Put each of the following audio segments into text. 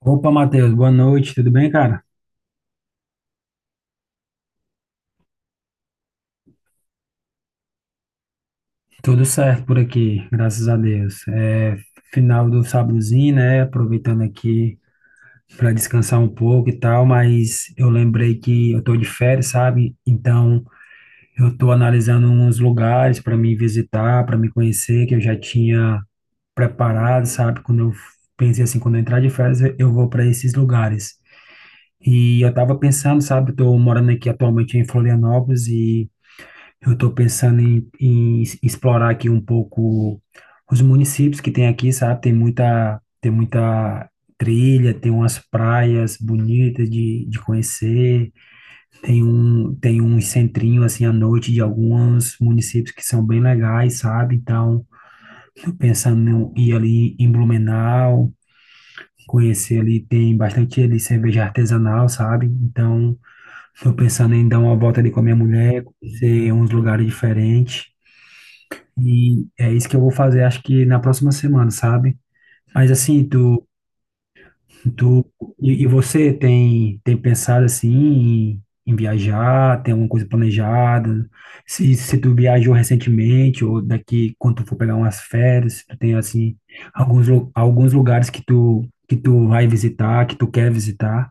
Opa, Matheus, boa noite, tudo bem, cara? Tudo certo por aqui, graças a Deus. É final do sábadozinho, né? Aproveitando aqui para descansar um pouco e tal, mas eu lembrei que eu tô de férias, sabe? Então, eu tô analisando uns lugares para me visitar, para me conhecer, que eu já tinha preparado, sabe? Quando eu pensei assim, quando eu entrar de férias, eu vou para esses lugares. E eu tava pensando, sabe? Eu tô morando aqui atualmente em Florianópolis. Eu estou pensando em explorar aqui um pouco os municípios que tem aqui, sabe? Tem muita trilha, tem umas praias bonitas de conhecer, tem um centrinho assim à noite de alguns municípios que são bem legais, sabe? Então, estou pensando em ir ali em Blumenau, conhecer ali, tem bastante ali cerveja artesanal, sabe? Então, estou pensando em dar uma volta ali com a minha mulher, conhecer uns lugares diferentes. E é isso que eu vou fazer, acho que na próxima semana, sabe? Mas assim, tu e você tem pensado assim em viajar, tem alguma coisa planejada? Se tu viajou recentemente ou daqui quando tu for pegar umas férias, se tu tem assim alguns lugares que tu vai visitar, que tu quer visitar?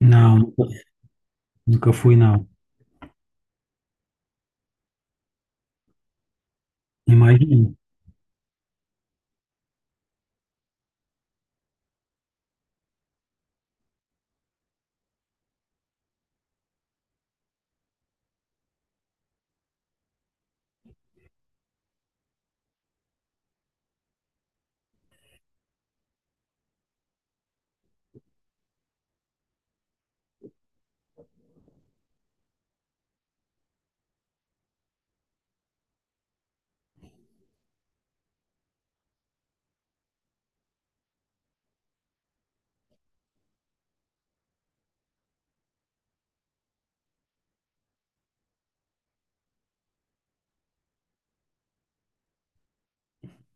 Não, nunca fui, não. Imagina.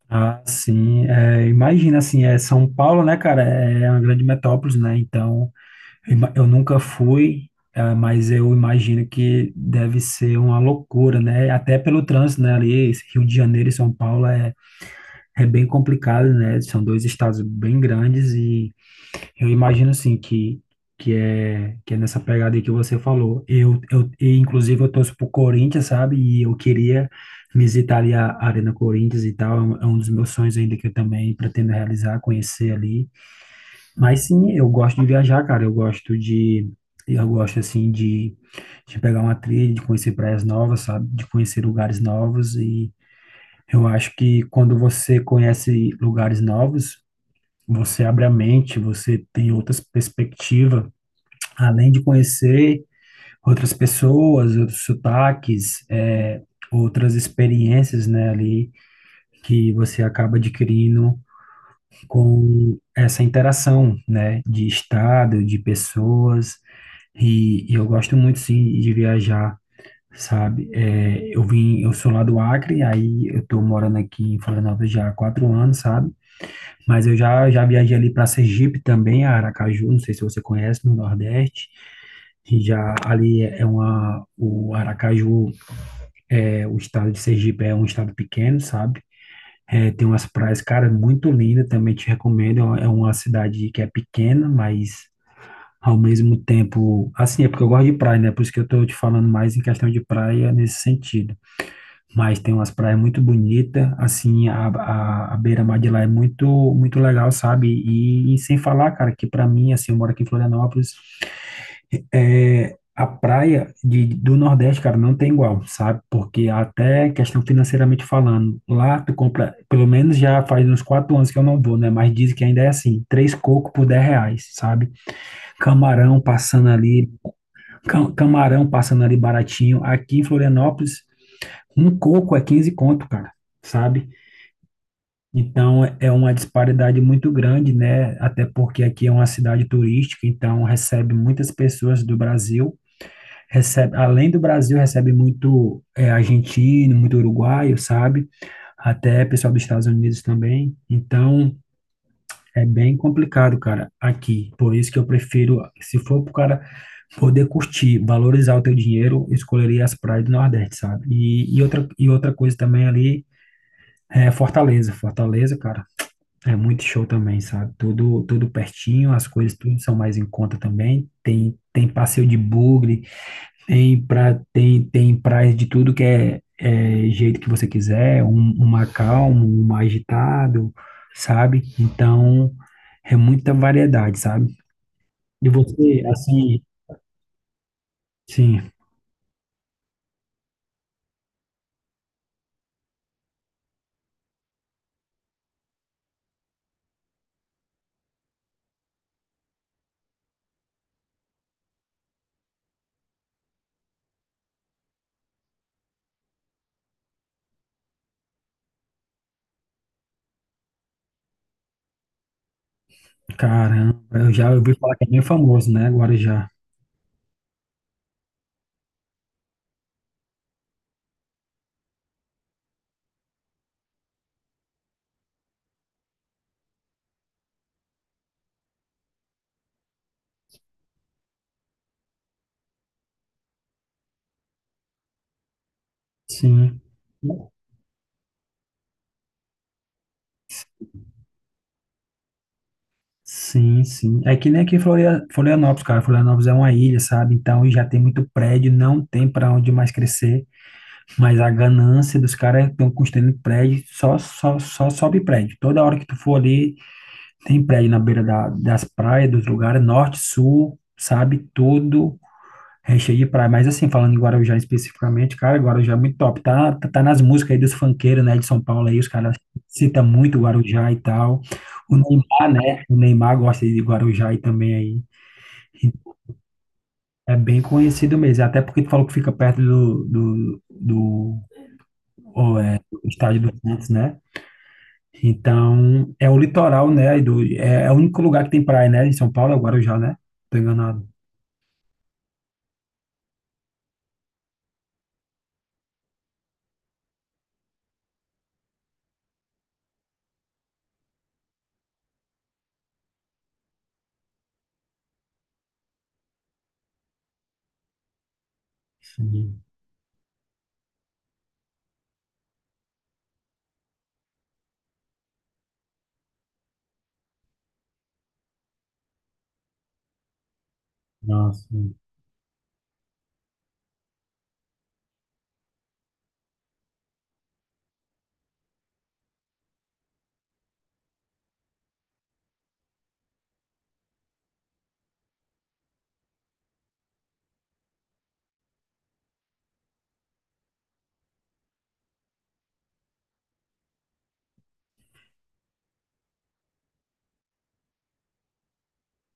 Ah, sim. É, imagina, assim, é São Paulo, né, cara? É uma grande metrópole, né? Então, eu nunca fui, ah, mas eu imagino que deve ser uma loucura, né? Até pelo trânsito, né? Ali, esse Rio de Janeiro e São Paulo é. Bem complicado, né? São dois estados bem grandes e eu imagino assim que é que é nessa pegada aí que você falou. Eu e, inclusive, eu torço pro Corinthians, sabe? E eu queria visitar ali a Arena Corinthians e tal. É um dos meus sonhos ainda que eu também pretendo realizar, conhecer ali. Mas sim, eu gosto de viajar, cara. Eu gosto assim de pegar uma trilha, de conhecer praias novas, sabe? De conhecer lugares novos e eu acho que quando você conhece lugares novos, você abre a mente, você tem outras perspectivas, além de conhecer outras pessoas, outros sotaques, outras experiências, né, ali que você acaba adquirindo com essa interação, né, de estado, de pessoas. E eu gosto muito, sim, de viajar. Sabe, eu vim, eu sou lá do Acre, aí eu tô morando aqui em Florianópolis já há 4 anos, sabe? Mas eu já, já viajei ali para Sergipe também, a Aracaju, não sei se você conhece, no Nordeste. E já ali é uma, o Aracaju, é, o estado de Sergipe é um estado pequeno, sabe? É, tem umas praias, cara, muito linda, também te recomendo. É uma cidade que é pequena, mas ao mesmo tempo, assim, é porque eu gosto de praia, né? Por isso que eu tô te falando mais em questão de praia nesse sentido, mas tem umas praias muito bonitas, assim, a beira-mar de lá é muito, muito legal, sabe? E sem falar, cara, que pra mim, assim, eu moro aqui em Florianópolis, é, a praia de, do Nordeste, cara, não tem igual, sabe? Porque até questão financeiramente falando, lá tu compra, pelo menos já faz uns 4 anos que eu não vou, né? Mas dizem que ainda é assim, três cocos por R$ 10, sabe? Camarão passando ali, camarão passando ali baratinho. Aqui em Florianópolis, um coco é 15 conto, cara, sabe? Então é uma disparidade muito grande, né? Até porque aqui é uma cidade turística, então recebe muitas pessoas do Brasil, recebe, além do Brasil, recebe muito é, argentino, muito uruguaio, sabe? Até pessoal dos Estados Unidos também. Então é bem complicado, cara, aqui. Por isso que eu prefiro, se for pro cara poder curtir, valorizar o teu dinheiro, eu escolheria as praias do Nordeste, sabe? E outra coisa também ali é Fortaleza. Fortaleza, cara. É muito show também, sabe? Tudo, tudo pertinho, as coisas tudo são mais em conta também. Tem passeio de bugre, tem praias de tudo que é, jeito que você quiser, um, uma calmo, um mais agitado, sabe? Então, é muita variedade, sabe? E você, assim, sim, caramba, eu já ouvi falar que é bem famoso, né? Guarujá. Sim. Sim, sim. É que nem aqui em Florianópolis, cara. Florianópolis é uma ilha, sabe? Então, já tem muito prédio, não tem para onde mais crescer. Mas a ganância dos caras estão construindo prédio, só, só, só sobe prédio. Toda hora que tu for ali, tem prédio na beira da, das praias, dos lugares, norte, sul, sabe? Tudo recheio de praia, mas assim, falando em Guarujá especificamente, cara, Guarujá é muito top. Tá, tá, tá nas músicas aí dos funkeiros, né, de São Paulo aí, os caras citam muito Guarujá e tal. O Neymar, né, o Neymar gosta de Guarujá aí também aí. E É bem conhecido mesmo, até porque tu falou que fica perto do estádio do Santos, né? Então, é o litoral, né, e do, é, é o único lugar que tem praia, né, em São Paulo é o Guarujá, né? Tô enganado. Sim, nossa.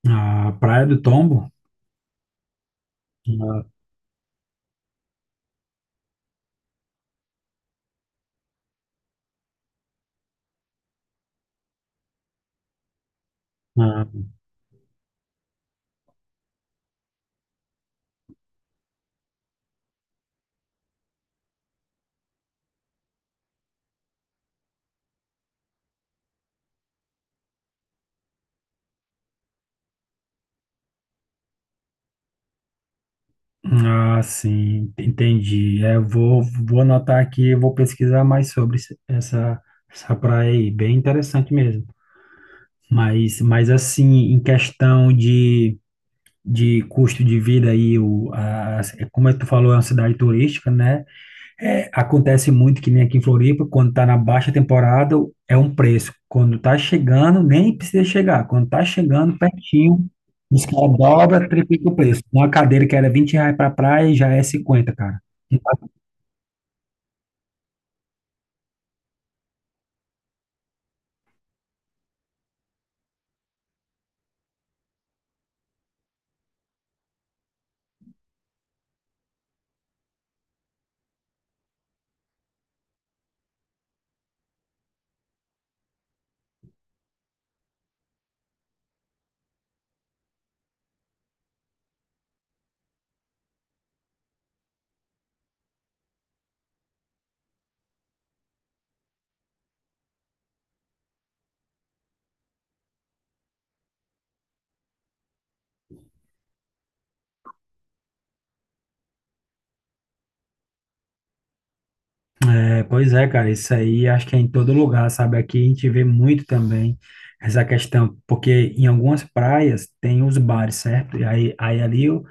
A Praia do Tombo. Não. Ah, sim, entendi. É, eu vou, vou anotar aqui, eu vou pesquisar mais sobre essa praia aí, bem interessante mesmo. Mas assim, em questão de custo de vida aí, como é que tu falou, é uma cidade turística, né? É, acontece muito que nem aqui em Floripa, quando tá na baixa temporada, é um preço. Quando tá chegando, nem precisa chegar. Quando tá chegando pertinho, os caras dobra, triplica o preço. Uma cadeira que era R$ 20 pra praia já é 50, cara. É, pois é, cara, isso aí acho que é em todo lugar, sabe? Aqui a gente vê muito também essa questão, porque em algumas praias tem os bares, certo? E aí, aí ali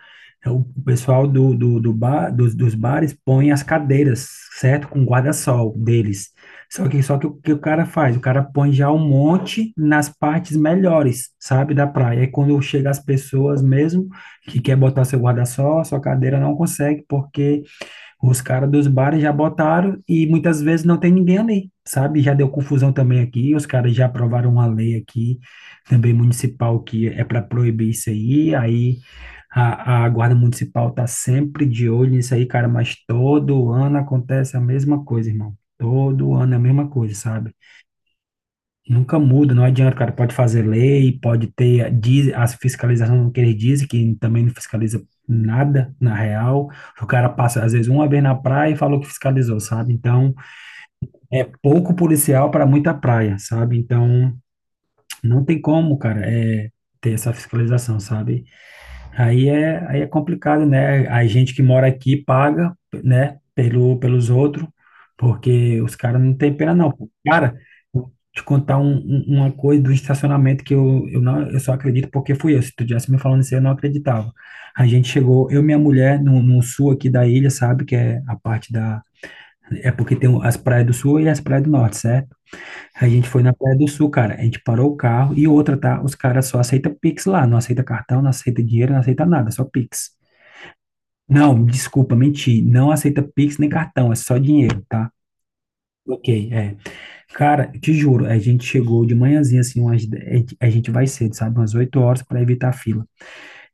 é o pessoal do bar, dos bares põe as cadeiras, certo? Com guarda-sol deles. Só que o que o cara faz? O cara põe já um monte nas partes melhores, sabe, da praia. E quando chega as pessoas mesmo que quer botar seu guarda-sol, sua cadeira não consegue, porque os caras dos bares já botaram e muitas vezes não tem ninguém ali, sabe? Já deu confusão também aqui, os caras já aprovaram uma lei aqui, também municipal, que é para proibir isso aí, aí a guarda municipal tá sempre de olho nisso aí, cara, mas todo ano acontece a mesma coisa, irmão. Todo ano é a mesma coisa, sabe? Nunca muda, não adianta, cara. Pode fazer lei, pode ter diz, a fiscalização que eles dizem, que também não fiscaliza nada, na real. O cara passa, às vezes, uma vez na praia e falou que fiscalizou, sabe? Então, é pouco policial para muita praia, sabe? Então, não tem como, cara, é, ter essa fiscalização, sabe? Aí é complicado, né? A gente que mora aqui paga, né, pelo, pelos outros, porque os caras não têm pena, não. Cara, vou te contar uma coisa do estacionamento que não, eu só acredito porque fui eu. Se tu tivesse me falando isso, eu não acreditava. A gente chegou, eu e minha mulher, no sul aqui da ilha, sabe? Que é a parte da. É porque tem as praias do sul e as praias do norte, certo? A gente foi na Praia do Sul, cara. A gente parou o carro e outra, tá? Os caras só aceitam Pix lá. Não aceita cartão, não aceita dinheiro, não aceita nada, só Pix. Não, desculpa, menti. Não aceita Pix nem cartão, é só dinheiro, tá? Ok, é. Cara, te juro, a gente chegou de manhãzinha, assim, umas, de- a gente vai cedo, sabe? Umas 8 horas para evitar a fila.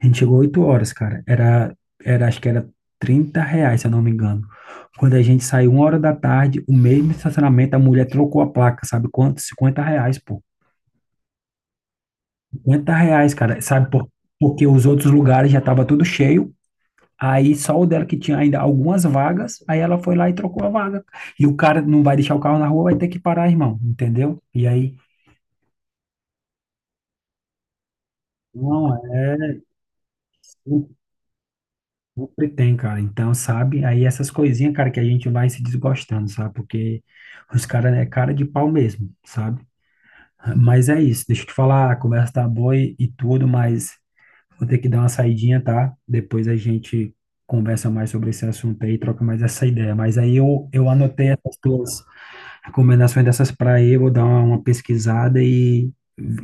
A gente chegou 8 horas, cara. Acho que era R$ 30, se eu não me engano. Quando a gente saiu uma hora da tarde, o mesmo estacionamento, a mulher trocou a placa, sabe? Quanto? R$ 50, pô. R$ 50, cara, sabe? Por, porque os outros lugares já tava tudo cheio, aí só o dela que tinha ainda algumas vagas, aí ela foi lá e trocou a vaga. E o cara não vai deixar o carro na rua, vai ter que parar, irmão, entendeu? E aí, não, é, sempre tem, cara. Então, sabe? Aí essas coisinhas, cara, que a gente vai se desgostando, sabe? Porque os caras é cara de pau mesmo, sabe? Mas é isso, deixa eu te falar, a conversa tá boa e tudo, mas. Vou ter que dar uma saidinha, tá? Depois a gente conversa mais sobre esse assunto aí, troca mais essa ideia. Mas aí eu anotei essas tuas recomendações dessas para aí, vou dar uma pesquisada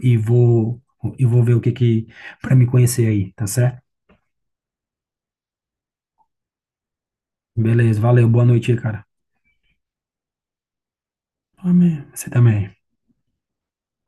e vou e vou ver o que que para me conhecer aí, tá certo? Beleza, valeu, boa noite aí, cara. Amém. Você também.